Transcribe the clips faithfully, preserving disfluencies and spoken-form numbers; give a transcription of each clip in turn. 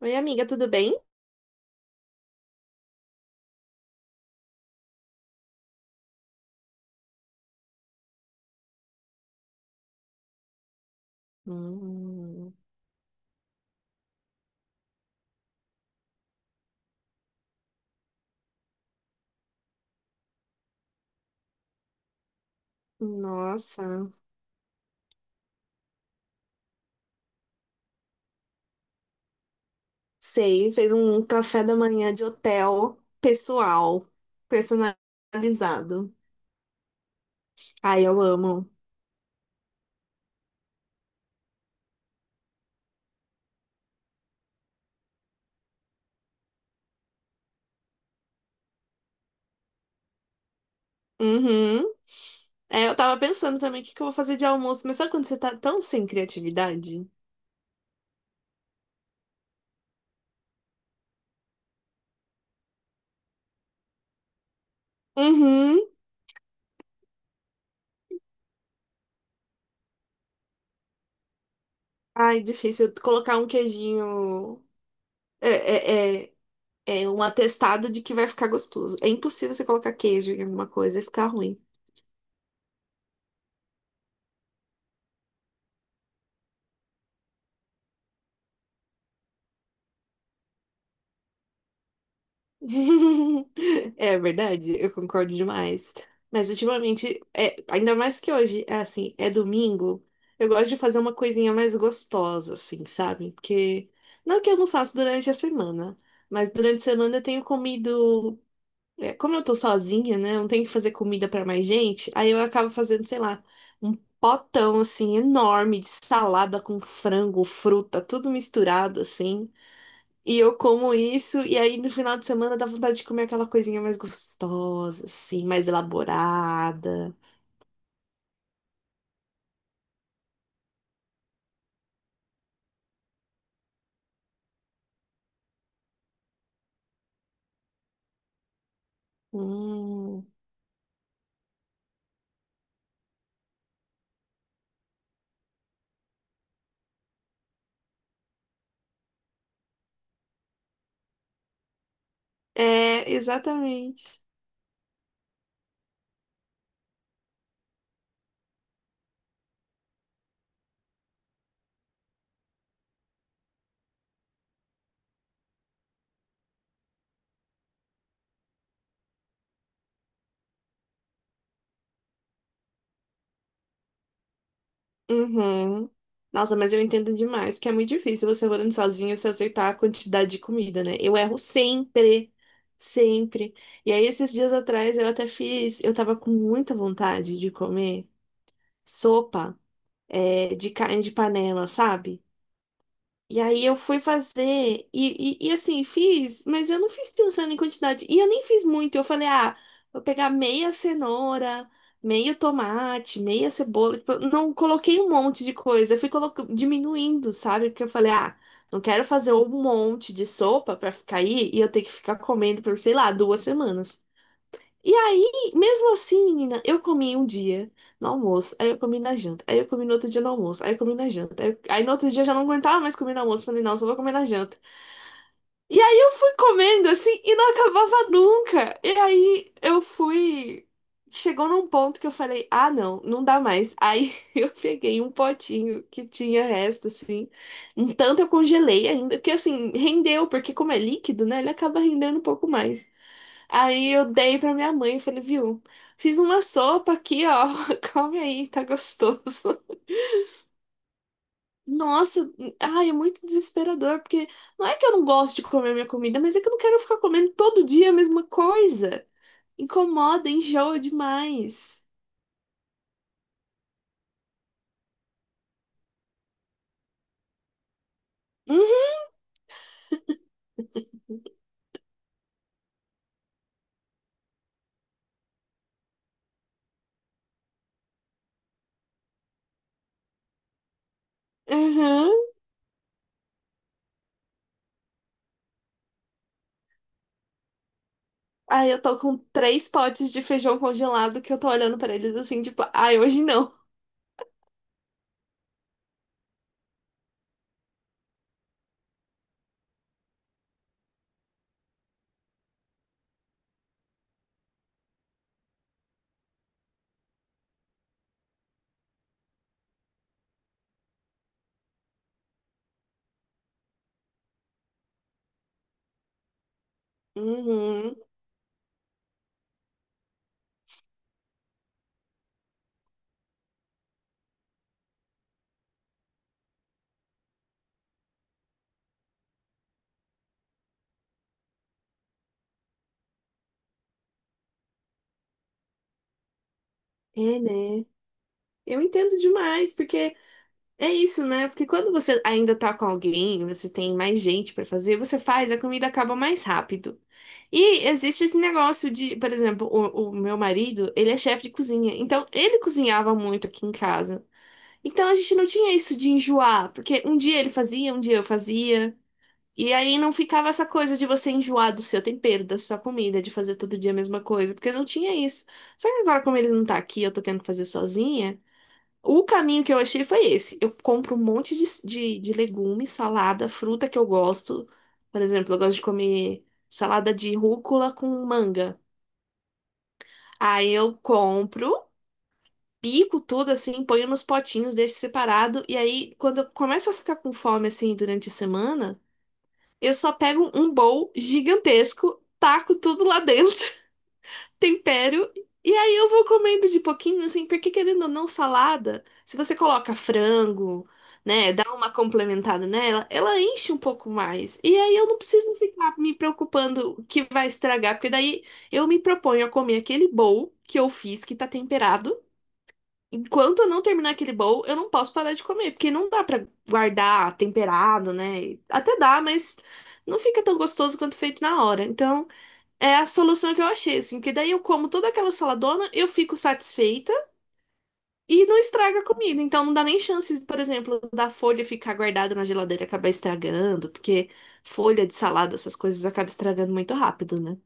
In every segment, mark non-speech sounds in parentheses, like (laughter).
Oi, amiga, tudo bem? Hum, nossa, sei, fez um café da manhã de hotel pessoal, personalizado. Ai, eu amo. Uhum. É, eu tava pensando também o que que eu vou fazer de almoço, mas sabe quando você tá tão sem criatividade? Uhum. Ai, difícil colocar um queijinho. É, é, é, é um atestado de que vai ficar gostoso. É impossível você colocar queijo em alguma coisa e ficar ruim. (laughs) É verdade, eu concordo demais. Mas ultimamente, é, ainda mais que hoje, é assim, é domingo, eu gosto de fazer uma coisinha mais gostosa, assim, sabe? Porque não que eu não faço durante a semana, mas durante a semana eu tenho comido. É, como eu tô sozinha, né? Eu não tenho que fazer comida pra mais gente, aí eu acabo fazendo, sei lá, um potão, assim, enorme de salada com frango, fruta, tudo misturado, assim. E eu como isso, e aí no final de semana dá vontade de comer aquela coisinha mais gostosa, assim, mais elaborada. Hum. É, exatamente. Uhum. Nossa, mas eu entendo demais, porque é muito difícil você morando sozinho se acertar a quantidade de comida, né? Eu erro sempre, sempre. E aí, esses dias atrás, eu até fiz, eu tava com muita vontade de comer sopa, é, de carne de panela, sabe? E aí eu fui fazer, e, e, e assim, fiz, mas eu não fiz pensando em quantidade. E eu nem fiz muito. Eu falei, ah, vou pegar meia cenoura, meio tomate, meia cebola. Tipo, eu não coloquei um monte de coisa. Eu fui colocando diminuindo, sabe? Porque eu falei, ah, não quero fazer um monte de sopa pra ficar aí e eu ter que ficar comendo por, sei lá, duas semanas. E aí, mesmo assim, menina, eu comi um dia no almoço, aí eu comi na janta, aí eu comi no outro dia no almoço, aí eu comi na janta. Aí, eu- aí no outro dia eu já não aguentava mais comer no almoço, falei, não, só vou comer na janta. E aí eu fui comendo assim e não acabava nunca. E aí eu fui. Chegou num ponto que eu falei, ah, não, não dá mais. Aí (laughs) eu peguei um potinho que tinha resto, assim. Um tanto eu congelei ainda, porque assim, rendeu, porque como é líquido, né, ele acaba rendendo um pouco mais. Aí eu dei pra minha mãe e falei, viu, fiz uma sopa aqui, ó, (laughs) come aí, tá gostoso. Nossa, ai, é muito desesperador, porque não é que eu não gosto de comer minha comida, mas é que eu não quero ficar comendo todo dia a mesma coisa. Incomoda, enjoa demais. Uhum, uhum. Aí eu tô com três potes de feijão congelado que eu tô olhando pra eles assim, tipo, ai, hoje não. Uhum. É, né? Eu entendo demais, porque é isso, né? Porque quando você ainda tá com alguém, você tem mais gente pra fazer, você faz, a comida acaba mais rápido. E existe esse negócio de, por exemplo, o, o meu marido, ele é chefe de cozinha, então ele cozinhava muito aqui em casa. Então a gente não tinha isso de enjoar, porque um dia ele fazia, um dia eu fazia. E aí não ficava essa coisa de você enjoar do seu tempero, da sua comida, de fazer todo dia a mesma coisa, porque não tinha isso. Só que agora, como ele não tá aqui, eu tô tendo que fazer sozinha. O caminho que eu achei foi esse. Eu compro um monte de, de, de legume, salada, fruta que eu gosto. Por exemplo, eu gosto de comer salada de rúcula com manga. Aí eu compro, pico tudo assim, ponho nos potinhos, deixo separado. E aí, quando eu começo a ficar com fome assim durante a semana, eu só pego um bowl gigantesco, taco tudo lá dentro tempero. E aí eu vou comendo de pouquinho, assim, porque querendo ou não, salada, se você coloca frango, né, dá uma complementada nela, ela enche um pouco mais. E aí eu não preciso ficar me preocupando que vai estragar, porque daí eu me proponho a comer aquele bowl que eu fiz, que tá temperado. Enquanto eu não terminar aquele bowl, eu não posso parar de comer, porque não dá pra guardar temperado, né? Até dá, mas não fica tão gostoso quanto feito na hora. Então, é a solução que eu achei, assim, que daí eu como toda aquela saladona, eu fico satisfeita e não estraga a comida. Então não dá nem chance, por exemplo, da folha ficar guardada na geladeira e acabar estragando, porque folha de salada, essas coisas acaba estragando muito rápido, né?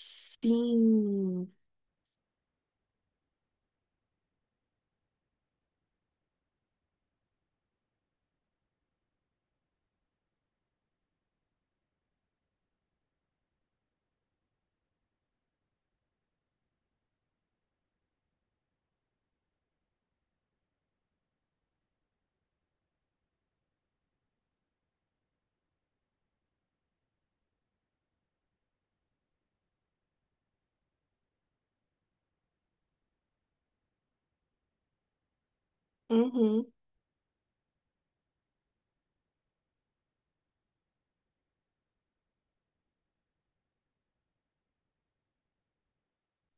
Sim. Uhum.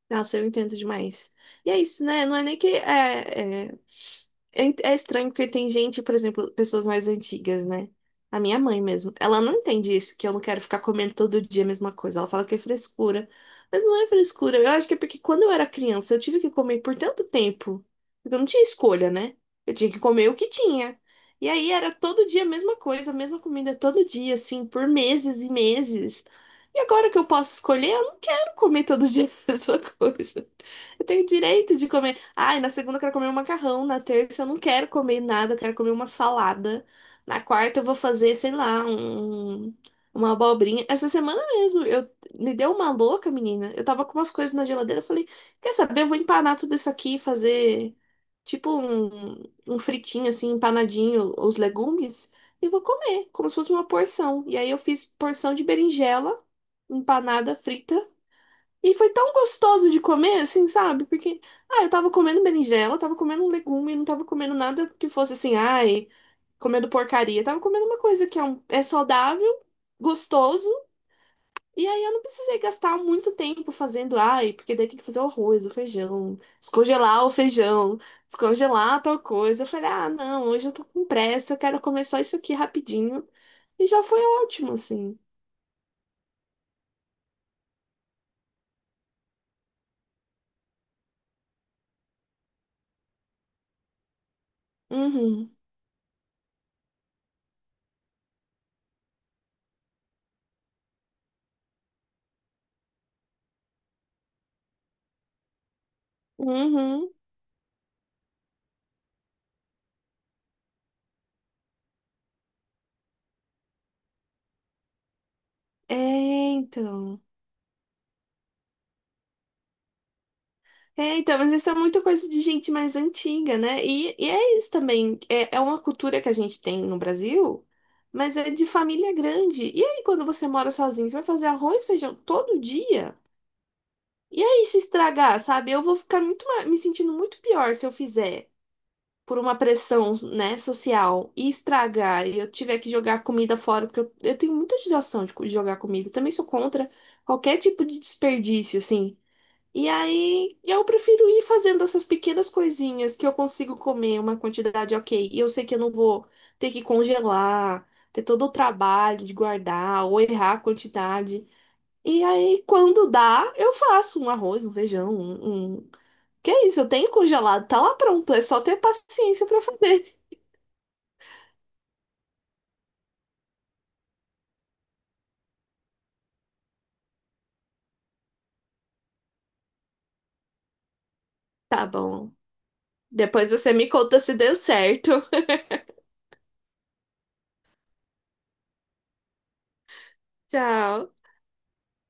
Nossa, eu entendo demais. E é isso, né? Não é nem que é, é, é, é estranho porque tem gente, por exemplo, pessoas mais antigas, né? A minha mãe mesmo. Ela não entende isso, que eu não quero ficar comendo todo dia a mesma coisa. Ela fala que é frescura. Mas não é frescura. Eu acho que é porque quando eu era criança, eu tive que comer por tanto tempo. Porque eu não tinha escolha, né? Eu tinha que comer o que tinha. E aí era todo dia a mesma coisa, a mesma comida todo dia, assim, por meses e meses. E agora que eu posso escolher, quero comer todo dia (laughs) a mesma coisa. Eu tenho direito de comer. Ai, na segunda eu quero comer um macarrão, na terça eu não quero comer nada, eu quero comer uma salada. Na quarta eu vou fazer, sei lá, um, uma abobrinha. Essa semana mesmo, eu me deu uma louca, menina. Eu tava com umas coisas na geladeira, eu falei, quer saber? Eu vou empanar tudo isso aqui e fazer tipo um, um fritinho assim, empanadinho, os legumes, e vou comer, como se fosse uma porção. E aí eu fiz porção de berinjela empanada frita e foi tão gostoso de comer, assim, sabe? Porque, ah, eu tava comendo berinjela, tava comendo um legume, não tava comendo nada que fosse assim, ai, comendo porcaria. Eu tava comendo uma coisa que é, um- é saudável, gostoso, e aí eu não precisei gastar muito tempo fazendo, ai, porque daí tem que fazer o arroz, o feijão, descongelar o feijão, descongelar tal coisa. Eu falei, ah, não, hoje eu tô com pressa, eu quero comer só isso aqui rapidinho. E já foi ótimo, assim. Uhum, uhum. É, então. É, então, mas isso é muita coisa de gente mais antiga, né? E, e é isso também. É, é uma cultura que a gente tem no Brasil, mas é de família grande. E aí, quando você mora sozinho, você vai fazer arroz, feijão todo dia? E aí, se estragar, sabe? Eu vou ficar muito, ma- me sentindo muito pior se eu fizer por uma pressão, né, social e estragar e eu tiver que jogar comida fora, porque eu, eu tenho muita judiação de co- de jogar comida. Eu também sou contra qualquer tipo de desperdício, assim. E aí eu prefiro ir fazendo essas pequenas coisinhas que eu consigo comer uma quantidade ok. E eu sei que eu não vou ter que congelar, ter todo o trabalho de guardar ou errar a quantidade. E aí, quando dá, eu faço um arroz, um feijão, um, um... Que é isso, eu tenho congelado, tá lá pronto, é só ter paciência pra fazer. Tá bom. Depois você me conta se deu certo. (laughs) Tchau.